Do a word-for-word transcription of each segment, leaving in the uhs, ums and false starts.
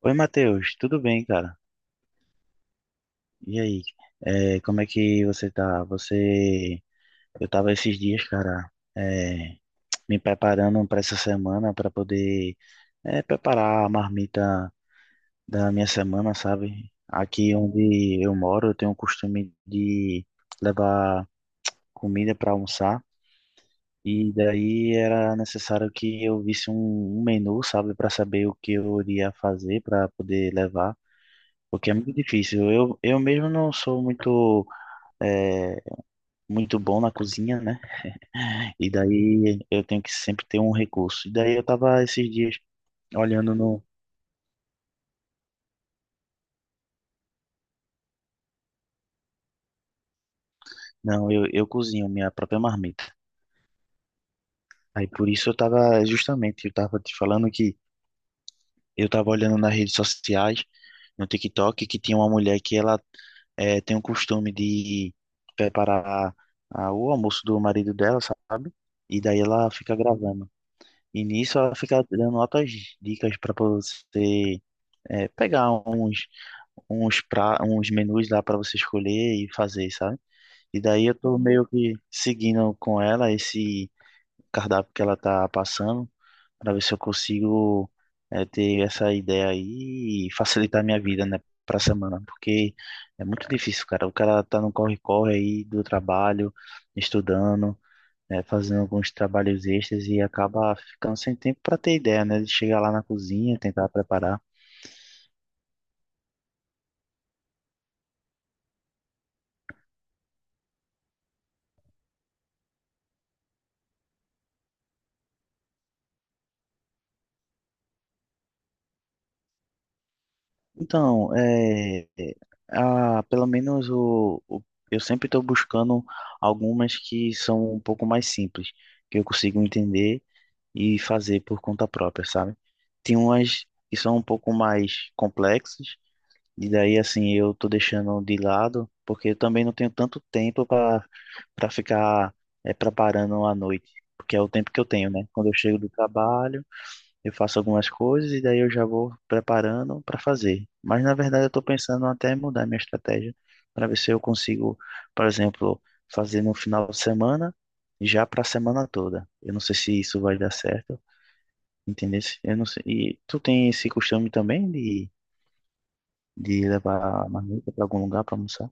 Oi, Matheus, tudo bem, cara? E aí, é, como é que você tá? Você, eu tava esses dias, cara, é, me preparando para essa semana para poder é, preparar a marmita da minha semana, sabe? Aqui onde eu moro, eu tenho o costume de levar comida para almoçar e daí era necessário que eu visse um, um menu, sabe, para saber o que eu iria fazer para poder levar. Porque é muito difícil. Eu, eu mesmo não sou muito, é, muito bom na cozinha, né? E daí eu tenho que sempre ter um recurso. E daí eu tava esses dias olhando no. Não, eu, eu cozinho minha própria marmita. Aí por isso eu tava, justamente, eu tava te falando que eu tava olhando nas redes sociais, no TikTok, que tinha uma mulher que ela é, tem o costume de preparar a- o almoço do marido dela, sabe? E daí ela fica gravando. E nisso ela fica dando altas dicas para você é, pegar uns uns pra, uns menus lá para você escolher e fazer, sabe? E daí eu tô meio que seguindo com ela esse cardápio que ela tá passando para ver se eu consigo é, ter essa ideia aí e facilitar minha vida, né, pra semana, porque é muito difícil, cara. O cara tá no corre-corre aí do trabalho, estudando, né, fazendo alguns trabalhos extras e acaba ficando sem tempo para ter ideia, né, de chegar lá na cozinha, tentar preparar. Então, é, é, ah, pelo menos o, o- eu sempre estou buscando algumas que são um pouco mais simples, que eu consigo entender e fazer por conta própria, sabe? Tem umas que são um pouco mais complexas. E daí, assim, eu tô deixando de lado, porque eu também não tenho tanto tempo para para ficar eh, preparando à noite, porque é o tempo que eu tenho, né? Quando eu chego do trabalho, eu faço algumas coisas e daí eu já vou preparando para fazer. Mas, na verdade, eu tô pensando até em mudar minha estratégia para ver se eu consigo, por exemplo, fazer no final de semana, já para a semana toda. Eu não sei se isso vai dar certo, entendeu? Eu não sei. E tu tem esse costume também de de levar a marmita para algum lugar para almoçar?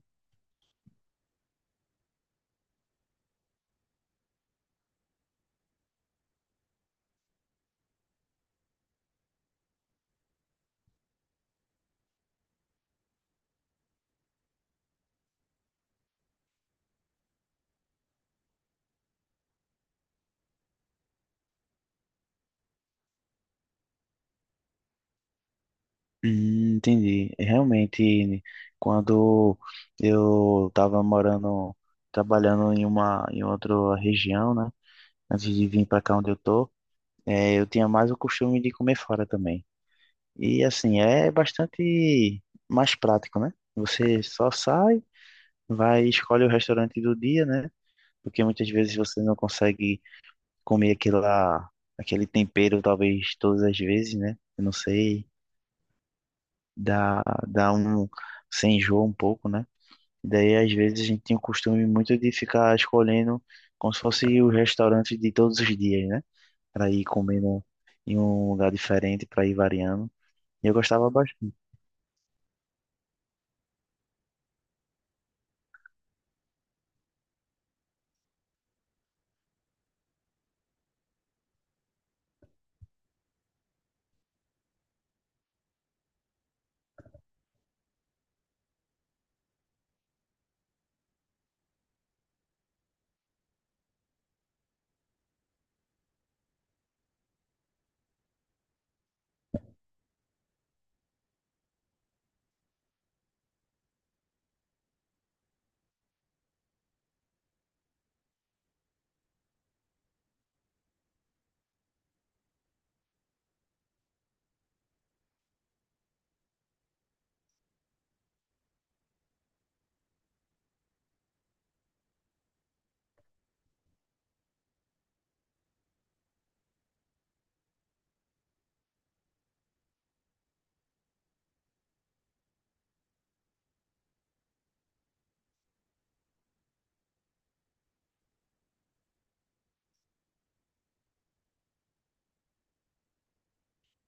Hum, entendi. Realmente, quando eu estava morando, trabalhando em uma, em outra região, né? Antes de vir para cá onde eu tô, eh, eu tinha mais o costume de comer fora também. E assim, é bastante mais prático, né? Você só sai, vai e escolhe o restaurante do dia, né? Porque muitas vezes você não consegue comer aquela, aquele tempero, talvez todas as vezes, né? Eu não sei. dá, dá um, Você enjoa um pouco, né? Daí, às vezes, a gente tem o costume muito de ficar escolhendo como se fosse os restaurantes de todos os dias, né? Para ir comendo em um lugar diferente, para ir variando. E eu gostava bastante.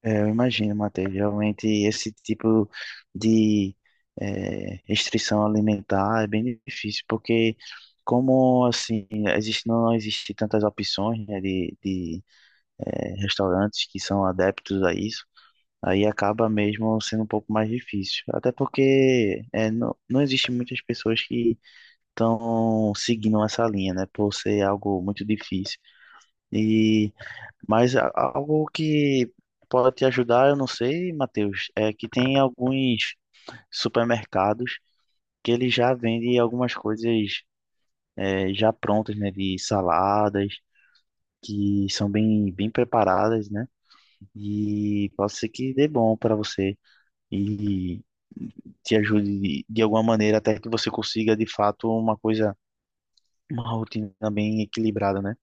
É, eu imagino, Matheus, realmente esse tipo de eh, restrição alimentar é bem difícil, porque como assim, existe, não existe tantas opções, né, de, de eh, restaurantes que são adeptos a isso. Aí acaba mesmo sendo um pouco mais difícil. Até porque é, não, não existe muitas pessoas que estão seguindo essa linha, né? Por ser algo muito difícil. E, mas a- algo que pode te ajudar, eu não sei, Matheus, é que tem alguns supermercados que eles já vendem algumas coisas é, já prontas, né? De saladas, que são bem, bem preparadas, né? E pode ser que dê bom para você. E te ajude de, de alguma maneira até que você consiga de fato uma coisa, uma rotina bem equilibrada, né?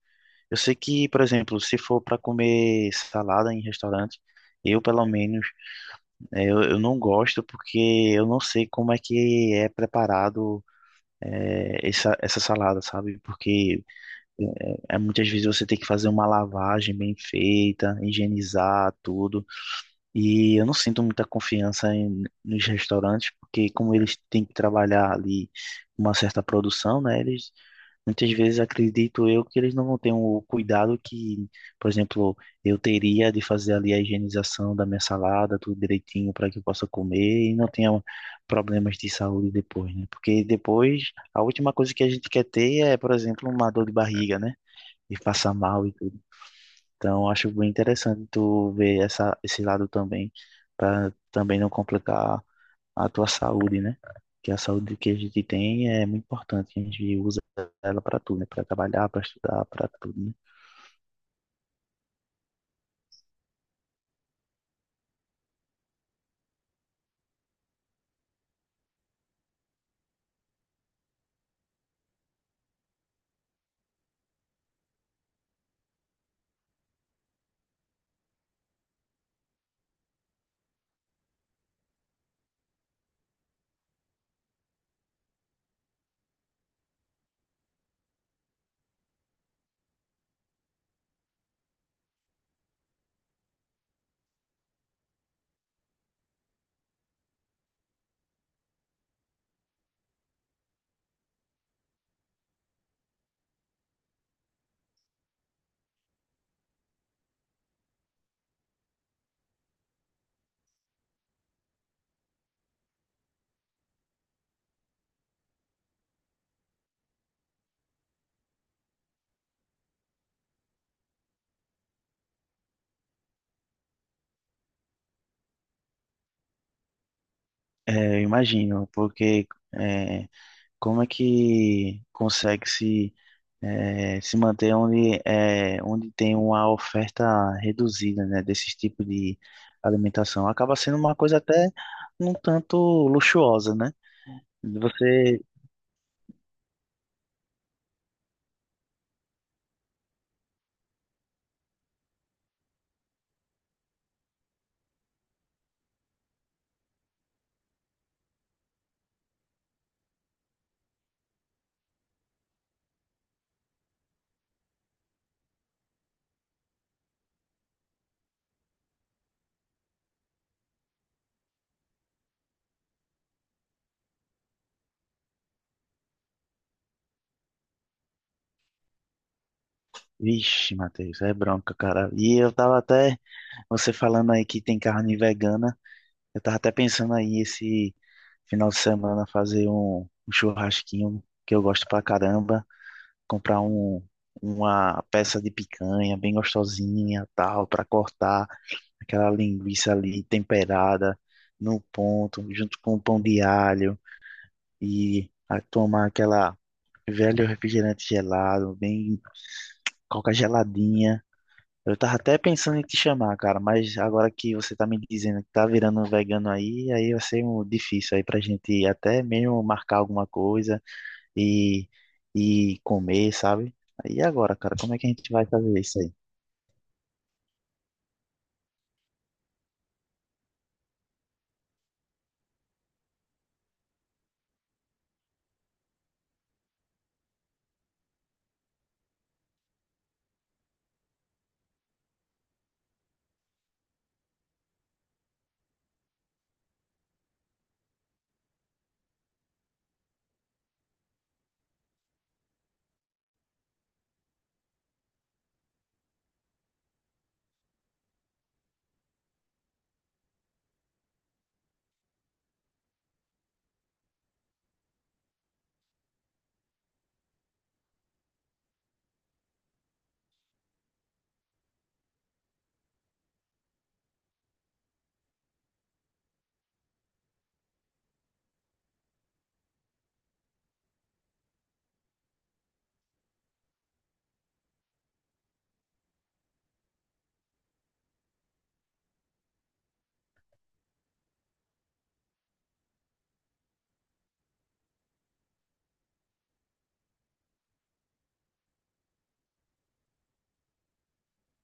Eu sei que, por exemplo, se for para comer salada em restaurante, eu pelo menos eh, eu, eu não gosto porque eu não sei como é que é preparado, eh, essa, essa salada, sabe? Porque eh, é, é, muitas vezes você tem que fazer uma lavagem bem feita, higienizar tudo. E eu não sinto muita confiança em, nos restaurantes, porque como eles têm que trabalhar ali uma certa produção, né? Eles muitas vezes acredito eu que eles não vão ter o cuidado que, por exemplo, eu teria de fazer ali a higienização da minha salada, tudo direitinho para que eu possa comer e não tenha problemas de saúde depois, né? Porque depois a última coisa que a gente quer ter é, por exemplo, uma dor de barriga, né? E passar mal. E então, acho bem interessante tu ver essa, esse lado também, para também não complicar a tua saúde, né? Que a saúde que a gente tem é muito importante, a gente usa ela para tudo, né? Para trabalhar, para estudar, para tudo, né? É, eu imagino, porque é, como é que consegue se, é, se manter onde, é, onde tem uma oferta reduzida, né? Desses tipos de alimentação? Acaba sendo uma coisa até um tanto luxuosa, né? Você. Vixe, Matheus, é bronca, cara. E eu tava até. Você falando aí que tem carne vegana. Eu tava até pensando aí esse final de semana fazer um, um churrasquinho que eu gosto pra caramba. Comprar um, uma peça de picanha bem gostosinha, tal, pra cortar aquela linguiça ali temperada no ponto, junto com o pão de alho. E a- tomar aquela velho refrigerante gelado, bem coca geladinha. Eu tava até pensando em te chamar, cara, mas agora que você tá me dizendo que tá virando um vegano aí, aí vai ser um difícil aí pra gente até mesmo marcar alguma coisa e, e comer, sabe? E agora, cara, como é que a gente vai fazer isso aí?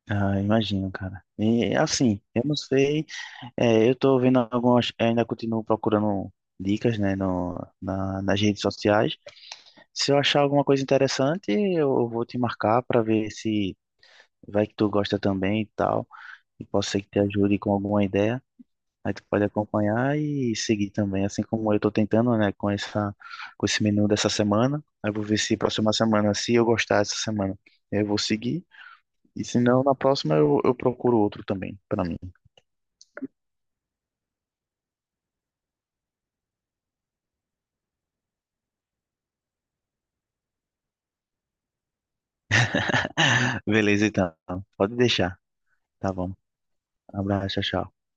Ah, imagino, cara. E assim, eu não sei, é, eu tô vendo algumas, ainda continuo procurando dicas, né, no, na, nas redes sociais. Se eu achar alguma coisa interessante, eu vou te marcar pra ver se vai que tu gosta também e tal. E posso ser que te ajude com alguma ideia. Aí tu pode acompanhar e seguir também, assim como eu estou tentando, né, com essa, com esse menu dessa semana. Aí eu vou ver se próxima semana, se eu gostar dessa semana, eu vou seguir. E se não, na próxima eu, eu procuro outro também, para mim. Beleza, então. Pode deixar. Tá bom. Abraço, tchau, tchau.